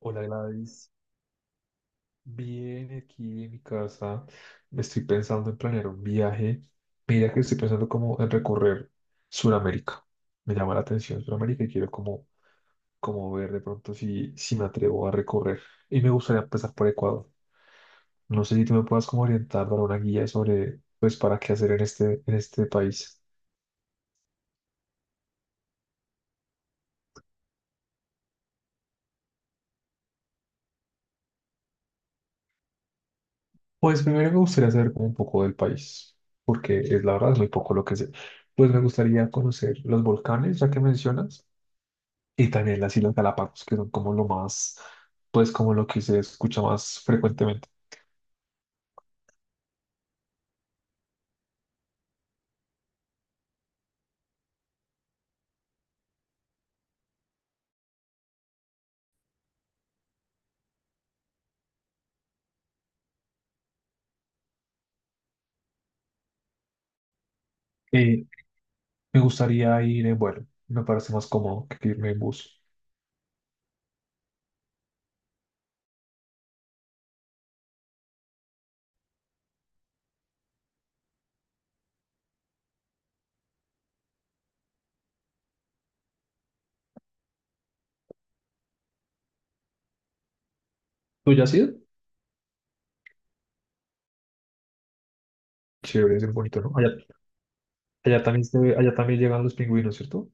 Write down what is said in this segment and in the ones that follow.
Hola Gladys, bien aquí en mi casa. Me estoy pensando en planear un viaje. Mira que estoy pensando como en recorrer Sudamérica. Me llama la atención Sudamérica y quiero como, como ver de pronto si me atrevo a recorrer. Y me gustaría empezar por Ecuador. No sé si tú me puedas como orientar, dar una guía sobre pues para qué hacer en este país. Pues primero me gustaría saber como un poco del país, porque es la verdad es muy poco lo que sé. Pues me gustaría conocer los volcanes, ya que mencionas. Y también las Islas Galápagos, que son como lo más, pues como lo que se escucha más frecuentemente. Eh, Me gustaría ir en vuelo, me parece más cómodo que irme en bus. ¿Tú ya has ido? Chévere, es bonito, ¿no? Allá, allá también llegan los pingüinos, ¿cierto?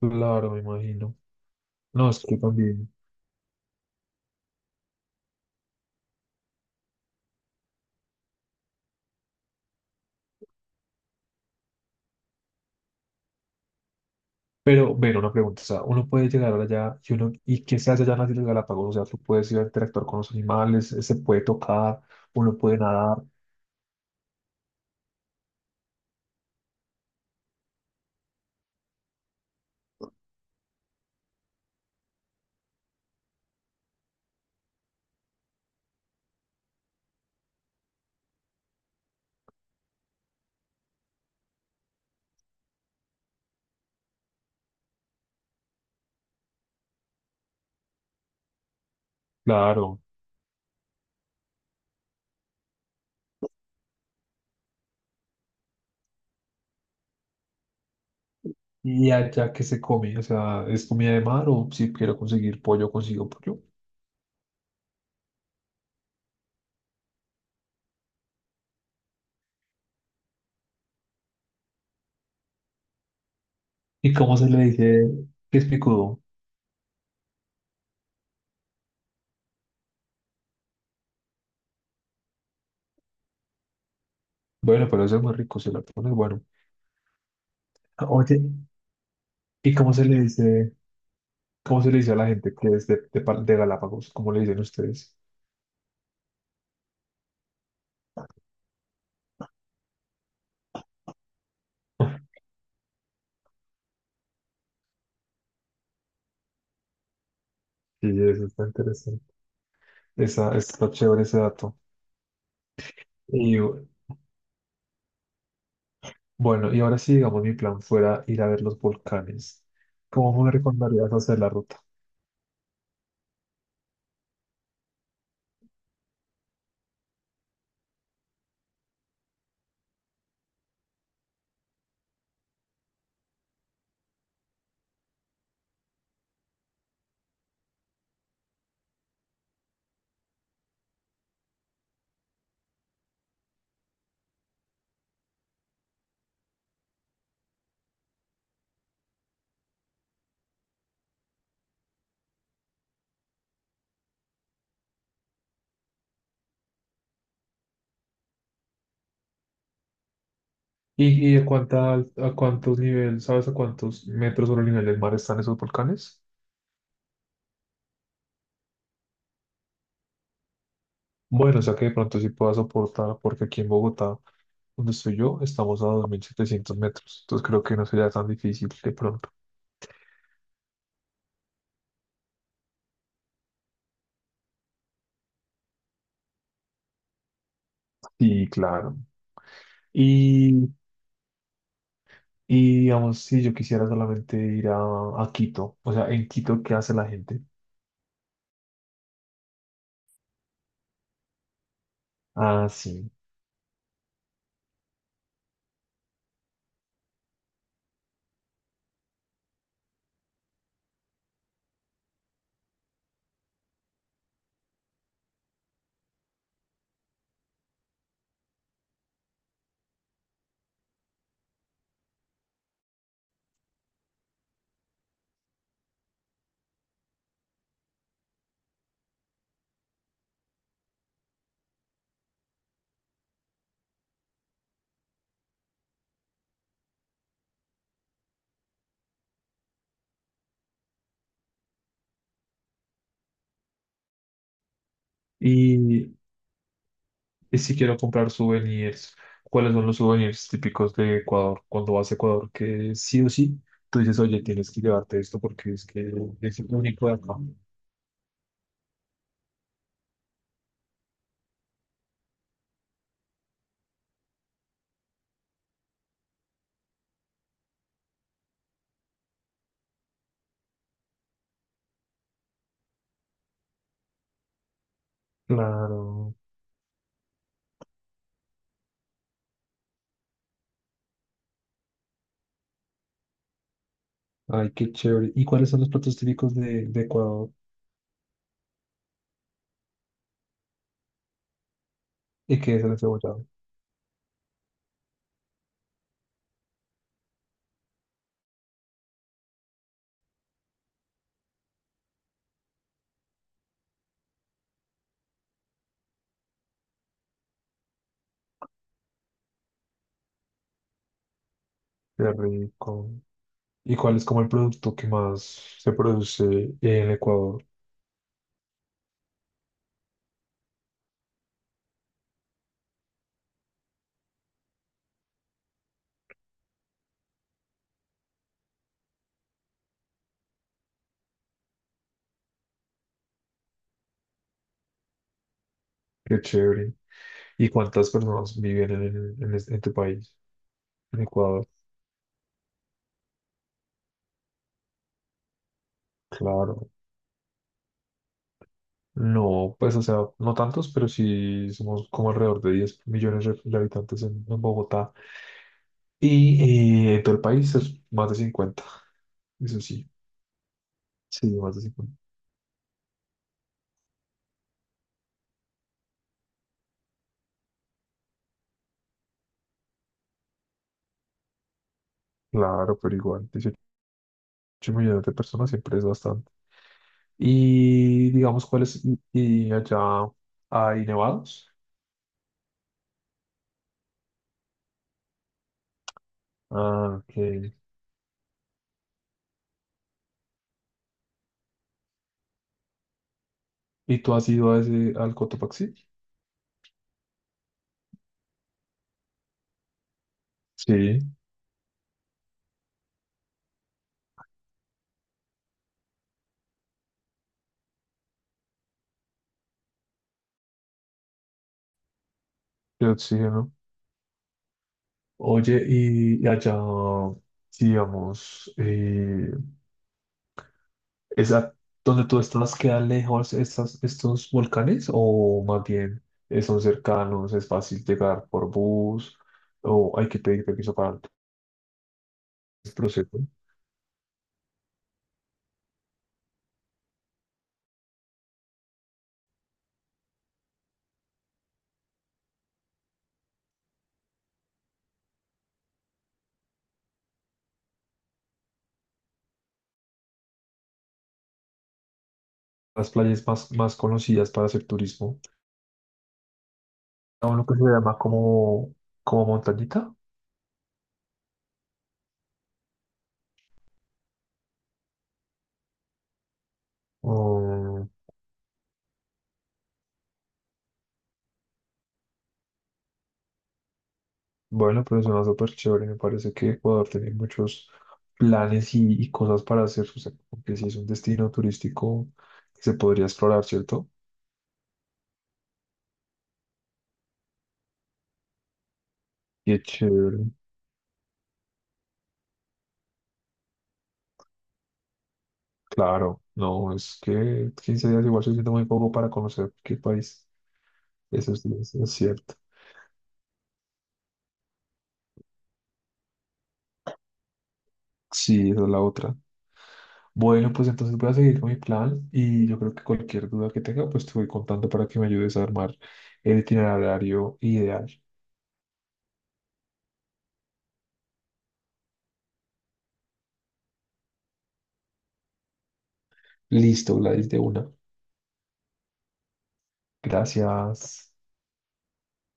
Claro, me imagino. No, es que también. Pero, bueno, una pregunta, o sea, uno puede llegar allá y uno, ¿y qué se hace allá en las Islas Galápagos? O sea, tú puedes ir a interactuar con los animales, se puede tocar, uno puede nadar. Claro. Y allá que se come, o sea, es comida de mar o si quiero conseguir pollo, consigo pollo. ¿Y cómo se le dice que es picudo? Bueno, pero eso es muy rico, se la pone bueno. Ah, oye, ¿y cómo se le dice, cómo se le dice a la gente que es de Galápagos? ¿Cómo le dicen ustedes? Sí, eso está interesante. Esa, está chévere ese dato. Y bueno, y ahora sí, digamos, mi plan fuera ir a ver los volcanes. ¿Cómo me recomendarías hacer la ruta? Cuánta a cuántos niveles, sabes a cuántos metros sobre el nivel del mar están esos volcanes? Bueno, o sea que de pronto sí pueda soportar, porque aquí en Bogotá, donde estoy yo, estamos a 2.700 metros. Entonces creo que no sería tan difícil de pronto. Sí, claro. Y, y digamos, si yo quisiera solamente ir a Quito, o sea, en Quito, ¿qué hace la gente? Ah, sí. Y Y si quiero comprar souvenirs, ¿cuáles son los souvenirs típicos de Ecuador? Cuando vas a Ecuador, que sí o sí, tú dices, oye, tienes que llevarte esto porque es que es el único de acá. Claro. Ay, qué chévere. ¿Y cuáles son los platos típicos de Ecuador? ¿Y qué es el encebollado? Qué rico. ¿Y cuál es como el producto que más se produce en Ecuador? Qué chévere. ¿Y cuántas personas viven en, en tu país, en Ecuador? Claro. No, pues, o sea, no tantos, pero sí somos como alrededor de 10 millones de habitantes en Bogotá. Y en todo el país es más de cincuenta, eso sí. Sí, más de cincuenta. Claro, pero igual, 18 millones de personas siempre es bastante. Y digamos, ¿cuáles? Y allá hay nevados. Ah, ok. ¿Y tú has ido a ese, al Cotopaxi? Sí, de oxígeno. Oye, y allá, sí, digamos, ¿esa, donde tú estás, queda lejos estas, estos volcanes o más bien son cercanos, es fácil llegar por bus o hay que pedir permiso para el proceso? Las playas más, más conocidas para hacer turismo, a uno que se llama como, como Montañita. O bueno, pero suena súper chévere, me parece que Ecuador tiene muchos planes y cosas para hacer, o sea, como sí es un destino turístico que se podría explorar, ¿cierto? Y es chévere. Claro, no, es que 15 días igual se siente muy poco para conocer qué país. Eso es cierto. Sí, esa es la otra. Bueno, pues entonces voy a seguir con mi plan y yo creo que cualquier duda que tenga, pues te voy contando para que me ayudes a armar el itinerario ideal. Listo, Gladys, de una. Gracias.